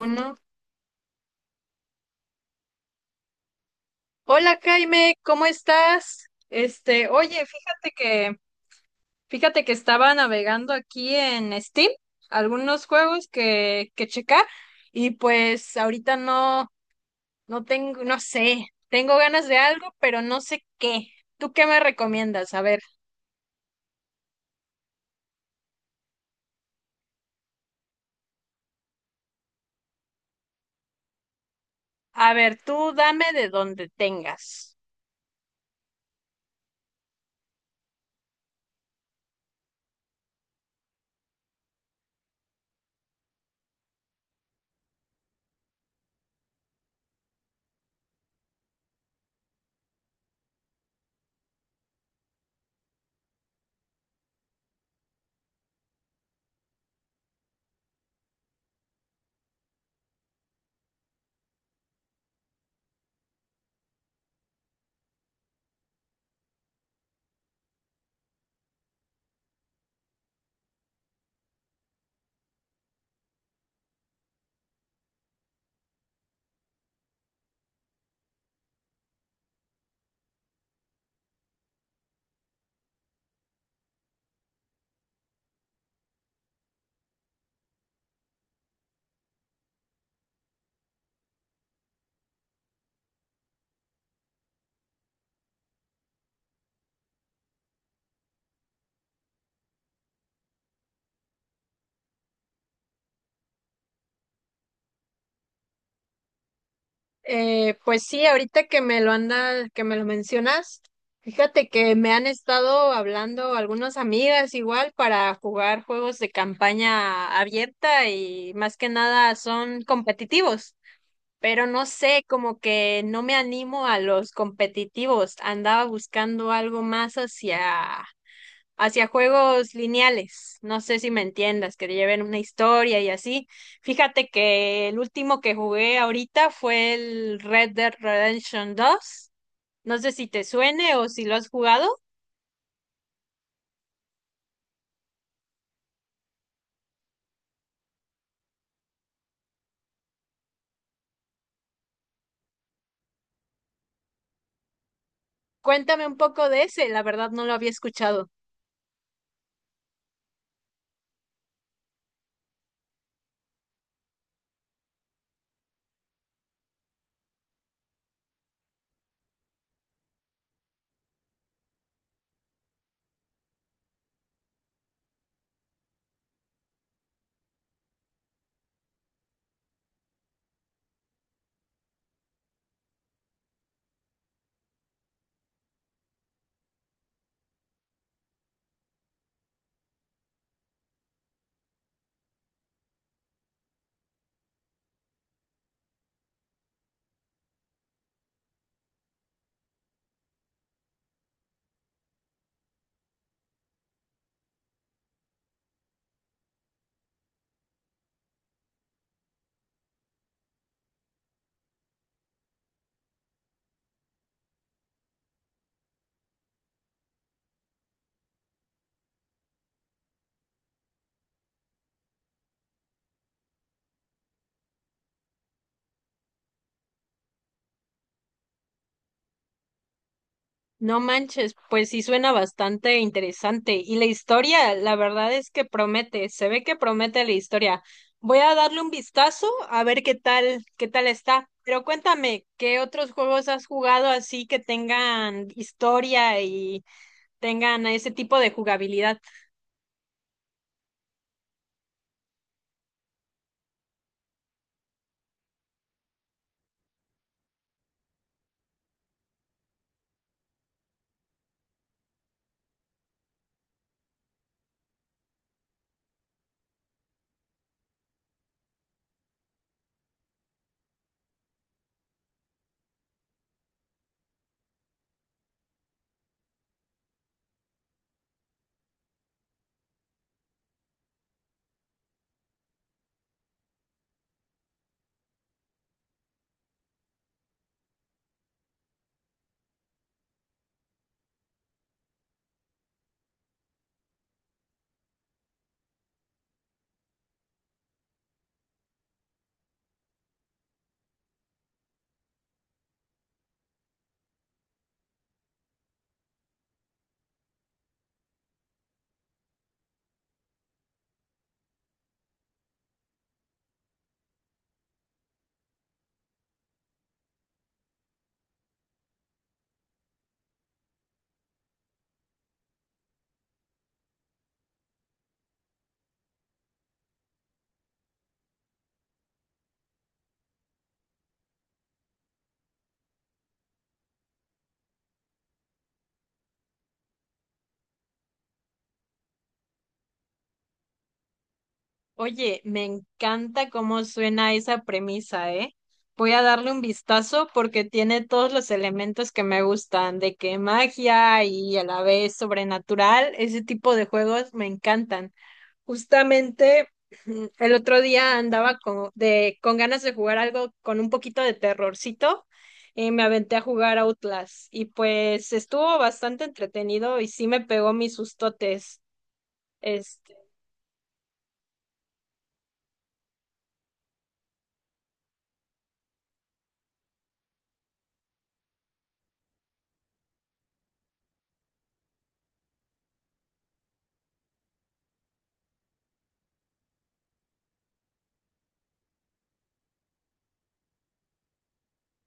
Uno. Hola Jaime, ¿cómo estás? Este, oye, fíjate que estaba navegando aquí en Steam, algunos juegos que checar, y pues ahorita no, no tengo, no sé, tengo ganas de algo, pero no sé qué. ¿Tú qué me recomiendas? A ver, tú dame de donde tengas. Pues sí, ahorita que me lo mencionas, fíjate que me han estado hablando algunas amigas igual para jugar juegos de campaña abierta y más que nada son competitivos, pero no sé, como que no me animo a los competitivos, andaba buscando algo más hacia juegos lineales. No sé si me entiendas, que lleven una historia y así. Fíjate que el último que jugué ahorita fue el Red Dead Redemption 2. No sé si te suene o si lo has jugado. Cuéntame un poco de ese, la verdad no lo había escuchado. No manches, pues sí suena bastante interesante. Y la historia, la verdad es que promete, se ve que promete la historia. Voy a darle un vistazo a ver qué tal está. Pero cuéntame, ¿qué otros juegos has jugado así que tengan historia y tengan ese tipo de jugabilidad? Oye, me encanta cómo suena esa premisa, ¿eh? Voy a darle un vistazo porque tiene todos los elementos que me gustan, de que magia y a la vez sobrenatural, ese tipo de juegos me encantan. Justamente el otro día andaba con ganas de jugar algo con un poquito de terrorcito y me aventé a jugar Outlast y pues estuvo bastante entretenido y sí me pegó mis sustotes.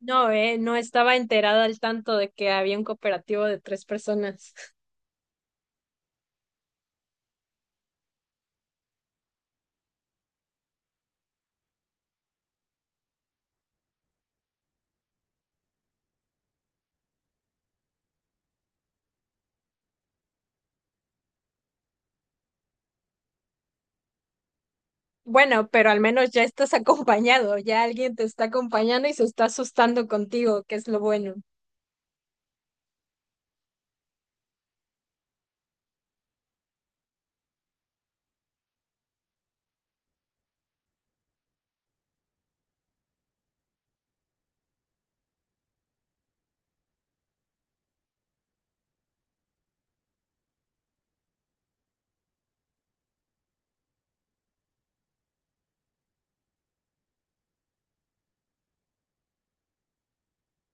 No, no estaba enterada al tanto de que había un cooperativo de 3 personas. Bueno, pero al menos ya estás acompañado, ya alguien te está acompañando y se está asustando contigo, que es lo bueno.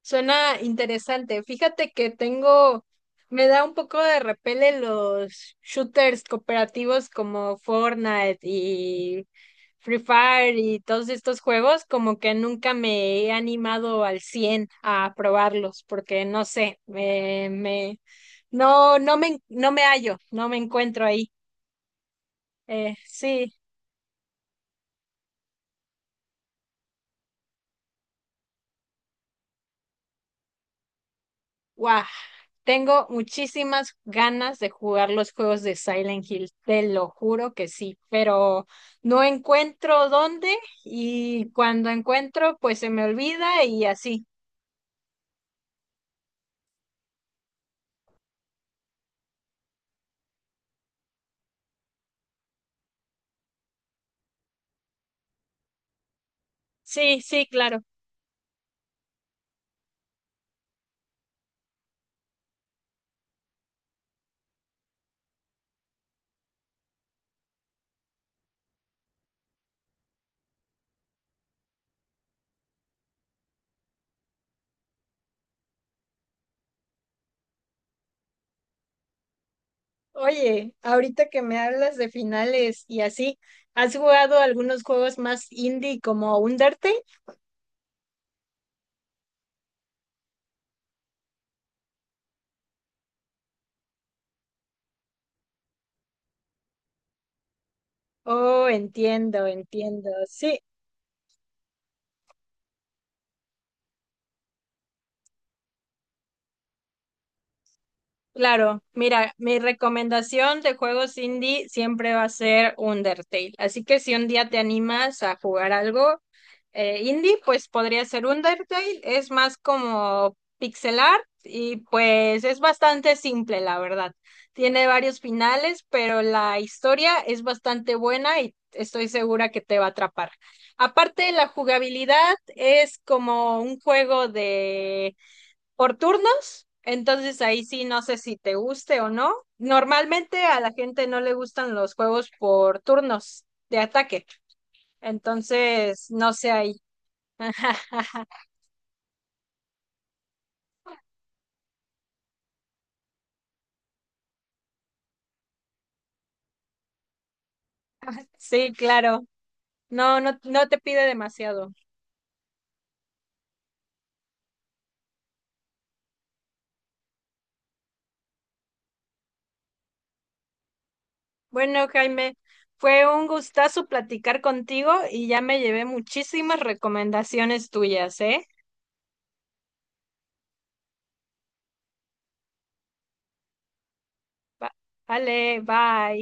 Suena interesante. Fíjate que tengo, me da un poco de repele los shooters cooperativos como Fortnite y Free Fire y todos estos juegos, como que nunca me he animado al 100 a probarlos, porque no sé, me, no, no me, no me hallo, no me encuentro ahí. Sí. Guau, tengo muchísimas ganas de jugar los juegos de Silent Hill, te lo juro que sí, pero no encuentro dónde y cuando encuentro, pues se me olvida y así. Sí, sí, claro. Oye, ahorita que me hablas de finales y así, ¿has jugado algunos juegos más indie como Undertale? Oh, entiendo, entiendo. Sí. Claro, mira, mi recomendación de juegos indie siempre va a ser Undertale. Así que si un día te animas a jugar algo indie, pues podría ser Undertale. Es más como pixel art y pues es bastante simple, la verdad. Tiene varios finales, pero la historia es bastante buena y estoy segura que te va a atrapar. Aparte, la jugabilidad es como un juego de por turnos, entonces ahí sí no sé si te guste o no. Normalmente a la gente no le gustan los juegos por turnos de ataque, entonces no sé ahí. Sí, claro. No, no, no te pide demasiado. Bueno, Jaime, fue un gustazo platicar contigo y ya me llevé muchísimas recomendaciones tuyas, ¿eh? Va- Vale, bye.